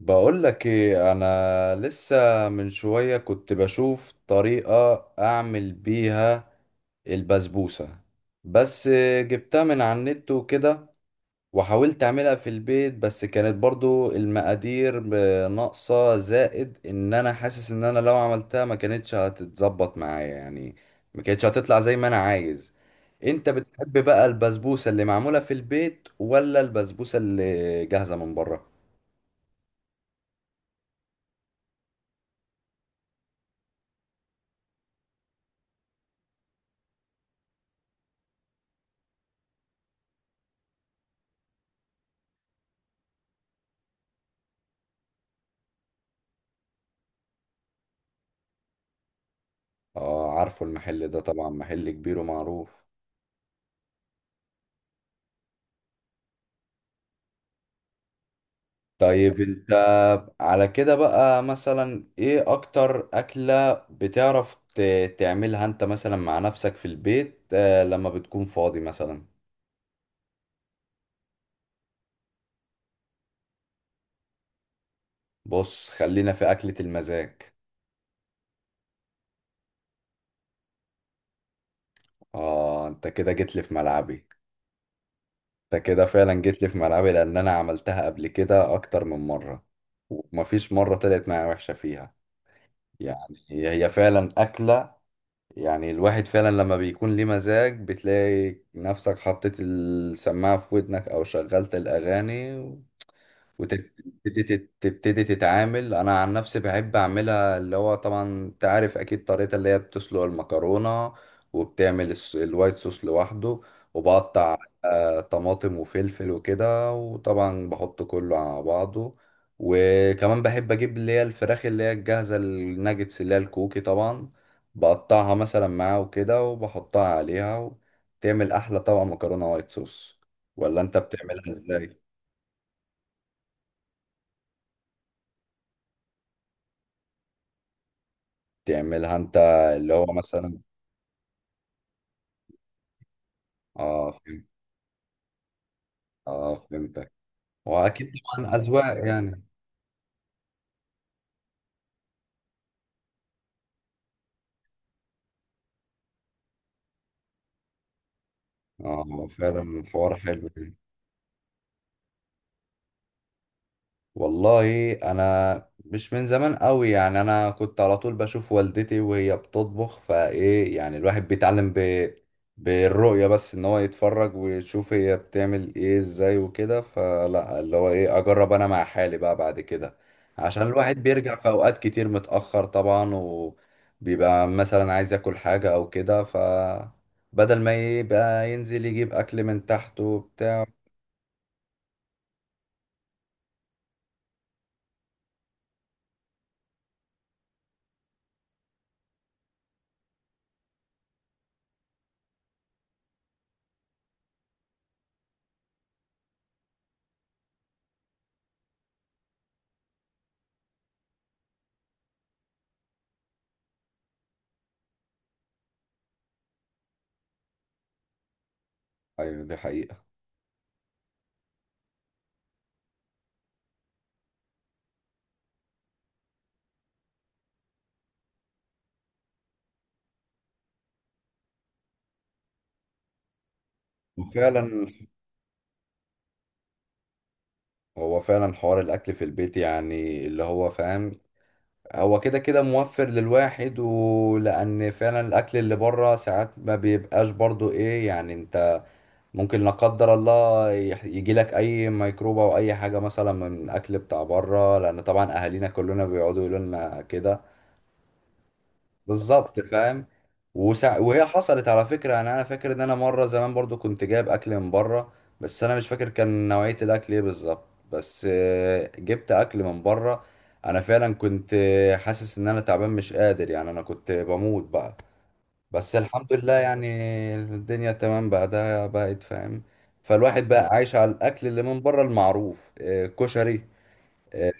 بقول لك ايه، انا لسه من شوية كنت بشوف طريقة اعمل بيها البسبوسة، بس جبتها من على النت وكده، وحاولت اعملها في البيت بس كانت برضو المقادير ناقصة. زائد ان انا حاسس ان انا لو عملتها ما كانتش هتتظبط معايا، يعني ما كانتش هتطلع زي ما انا عايز. انت بتحب بقى البسبوسة اللي معمولة في البيت ولا البسبوسة اللي جاهزة من بره؟ اه، عارفه المحل ده طبعا، محل كبير ومعروف. طيب انت على كده بقى، مثلا ايه اكتر اكلة بتعرف تعملها انت مثلا مع نفسك في البيت، لما بتكون فاضي مثلا؟ بص خلينا في اكلة المزاج. اه، انت كده جيت لي في ملعبي. انت كده فعلا جيت لي في ملعبي لان انا عملتها قبل كده اكتر من مرة، ومفيش مرة طلعت معايا وحشة فيها. يعني هي فعلا أكلة، يعني الواحد فعلا لما بيكون ليه مزاج بتلاقي نفسك حطيت السماعة في ودنك أو شغلت الأغاني وتبتدي تتعامل. انا عن نفسي بحب اعملها، اللي هو طبعا انت عارف اكيد طريقة اللي هي بتسلق المكرونة وبتعمل الوايت صوص لوحده، وبقطع طماطم وفلفل وكده، وطبعا بحط كله على بعضه. وكمان بحب اجيب اللي هي الفراخ اللي هي الجاهزة، الناجتس اللي هي الكوكي طبعا، بقطعها مثلا معاه وكده وبحطها عليها، وتعمل احلى طبق مكرونة وايت صوص. ولا انت بتعملها ازاي؟ تعملها انت، اللي هو مثلا. اه فهمت، اه فهمتك. واكيد طبعا اذواق يعني. اه، هو فعلا الحوار حلو يعني. والله انا مش من زمان قوي، يعني انا كنت على طول بشوف والدتي وهي بتطبخ، فايه يعني الواحد بيتعلم بالرؤية، بس ان هو يتفرج ويشوف هي بتعمل ايه ازاي وكده، فلا اللي هو ايه اجرب انا مع حالي بقى بعد كده. عشان الواحد بيرجع في اوقات كتير متأخر طبعا وبيبقى مثلا عايز ياكل حاجة او كده، ف بدل ما يبقى ينزل يجيب اكل من تحته وبتاع. أيوة دي حقيقة. وفعلا هو فعلا حوار الاكل في البيت، يعني اللي هو فاهم، هو كده كده موفر للواحد. ولان فعلا الاكل اللي بره ساعات ما بيبقاش برضو ايه، يعني انت ممكن لا قدر الله يجي لك اي ميكروب او اي حاجه مثلا من الاكل بتاع بره، لان طبعا اهالينا كلنا بيقعدوا يقولوا لنا كده. بالظبط فاهم. وهي حصلت على فكرة، يعني انا فاكر ان انا مرة زمان برضو كنت جايب اكل من بره. بس انا مش فاكر كان نوعية الاكل ايه بالظبط، بس جبت اكل من بره. انا فعلا كنت حاسس ان انا تعبان مش قادر، يعني انا كنت بموت بقى، بس الحمد لله يعني الدنيا تمام بقى، ده بقت فاهم. فالواحد بقى عايش على الاكل اللي من بره المعروف، كشري، آه،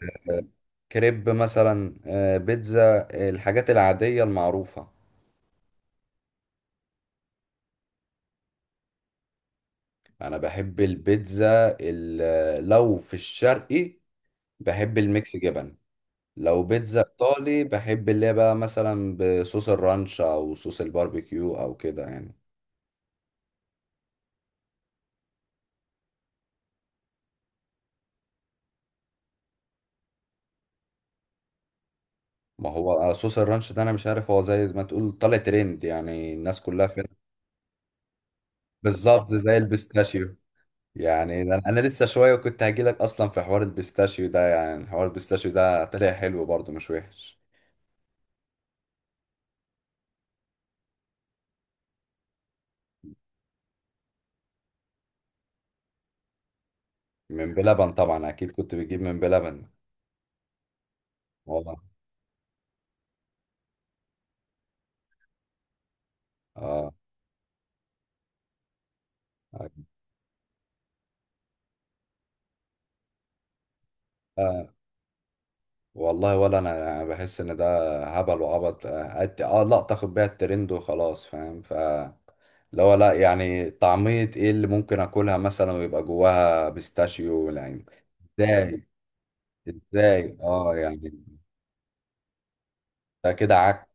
كريب مثلا، بيتزا، الحاجات العادية المعروفة. انا بحب البيتزا، لو في الشرقي بحب الميكس جبن. لو بيتزا ايطالي بحب اللي هي بقى مثلا بصوص الرانش او صوص الباربيكيو او كده يعني. ما هو صوص الرانش ده انا مش عارف، هو زي ما تقول طالع ترند، يعني الناس كلها فين. بالظبط زي البيستاشيو. يعني ده انا لسه شويه كنت هجيلك اصلا في حوار البيستاشيو ده، يعني حوار البيستاشيو ده طلع حلو برضه مش وحش. من بلبن طبعا، اكيد كنت بتجيب من بلبن. والله. اه آه. والله ولا انا يعني بحس ان ده هبل وعبط. اه، لقطة اخد بيها الترند وخلاص فاهم، ف اللي هو لا يعني طعمية ايه اللي ممكن اكلها مثلا ويبقى جواها بيستاشيو يعني. ازاي؟ ازاي اه يعني، ده كده عك.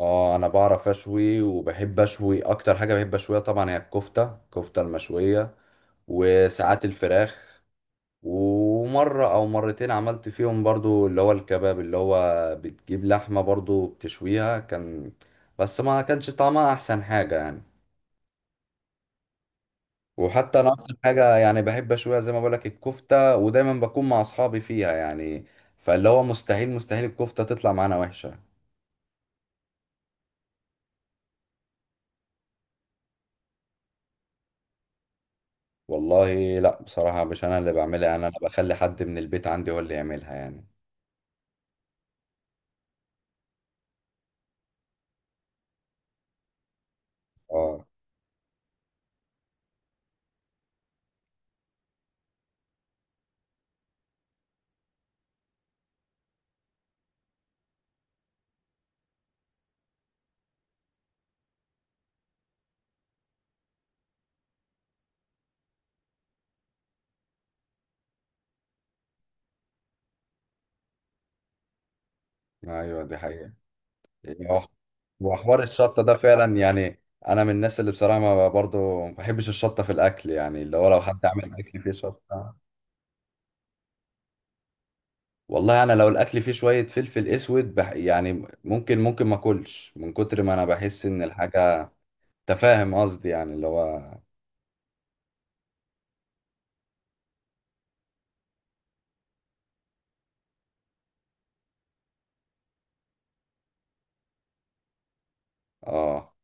اه، انا بعرف اشوي وبحب اشوي. اكتر حاجة بحب اشويها طبعا هي الكفتة، الكفتة المشوية. وساعات الفراخ. ومرة أو مرتين عملت فيهم برضو اللي هو الكباب، اللي هو بتجيب لحمة برضو بتشويها كان، بس ما كانش طعمها أحسن حاجة يعني. وحتى أنا أكتر حاجة يعني بحب أشويها زي ما بقولك الكفتة، ودايما بكون مع أصحابي فيها يعني. فاللي هو مستحيل مستحيل الكفتة تطلع معانا وحشة. والله لا، بصراحة مش أنا اللي بعملها، يعني أنا بخلي حد من البيت عندي هو اللي يعملها يعني. اه. أيوة دي حقيقة. وح- وحوار الشطة ده فعلا يعني، أنا من الناس اللي بصراحة ما برضو ما بحبش الشطة في الأكل، يعني اللي هو لو حد عمل أكل فيه شطة. والله أنا لو الأكل فيه شوية فلفل أسود بح، يعني ممكن ما أكلش من كتر ما أنا بحس إن الحاجة تفاهم قصدي، يعني اللي هو. آه.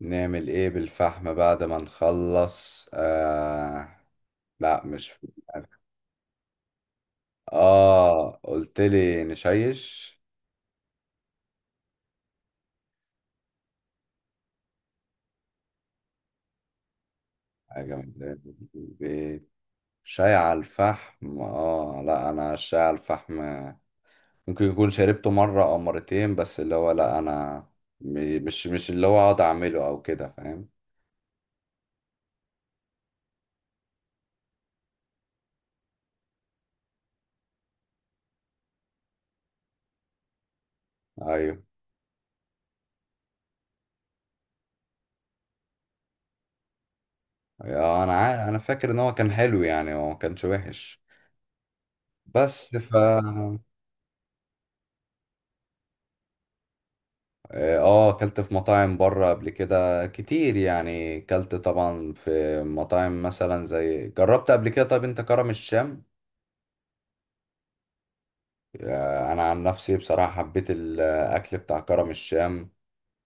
نعمل إيه بالفحم بعد ما نخلص؟ آه لا، مش في. آه، قلت لي نشيش. حاجة من البيت. شاي على الفحم؟ اه لا، انا الشاي على الفحم ممكن يكون شربته مرة او مرتين، بس اللي هو لا انا مش اللي هو اقعد اعمله او كده، فاهم. ايوه آه، انا عارف، انا فاكر ان هو كان حلو يعني، هو ما كانش وحش. بس ف اه. اكلت في مطاعم بره قبل كده كتير، يعني اكلت طبعا في مطاعم مثلا، زي جربت قبل كده. طب انت كرم الشام. انا عن نفسي بصراحة حبيت الاكل بتاع كرم الشام.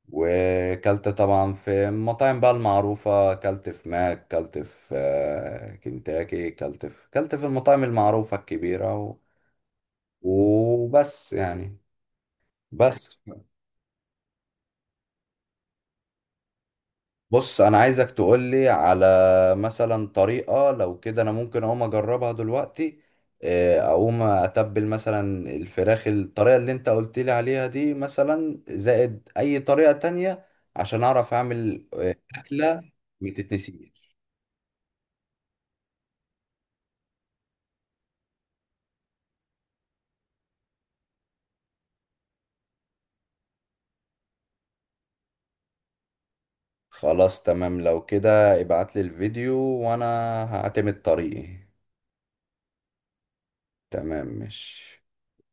وكلت طبعا في المطاعم بقى المعروفة، كلت في ماك، كلت في كنتاكي، كلت في المطاعم المعروفة الكبيرة و... وبس يعني. بس بص، أنا عايزك تقولي على مثلا طريقة لو كده أنا ممكن أقوم أجربها دلوقتي. أقوم أتبل مثلا الفراخ الطريقة اللي أنت قلت لي عليها دي، مثلا زائد أي طريقة تانية عشان أعرف أعمل أكلة. متتنسيش. خلاص تمام، لو كده ابعتلي الفيديو، وانا هعتمد طريقي. تمام ماشي.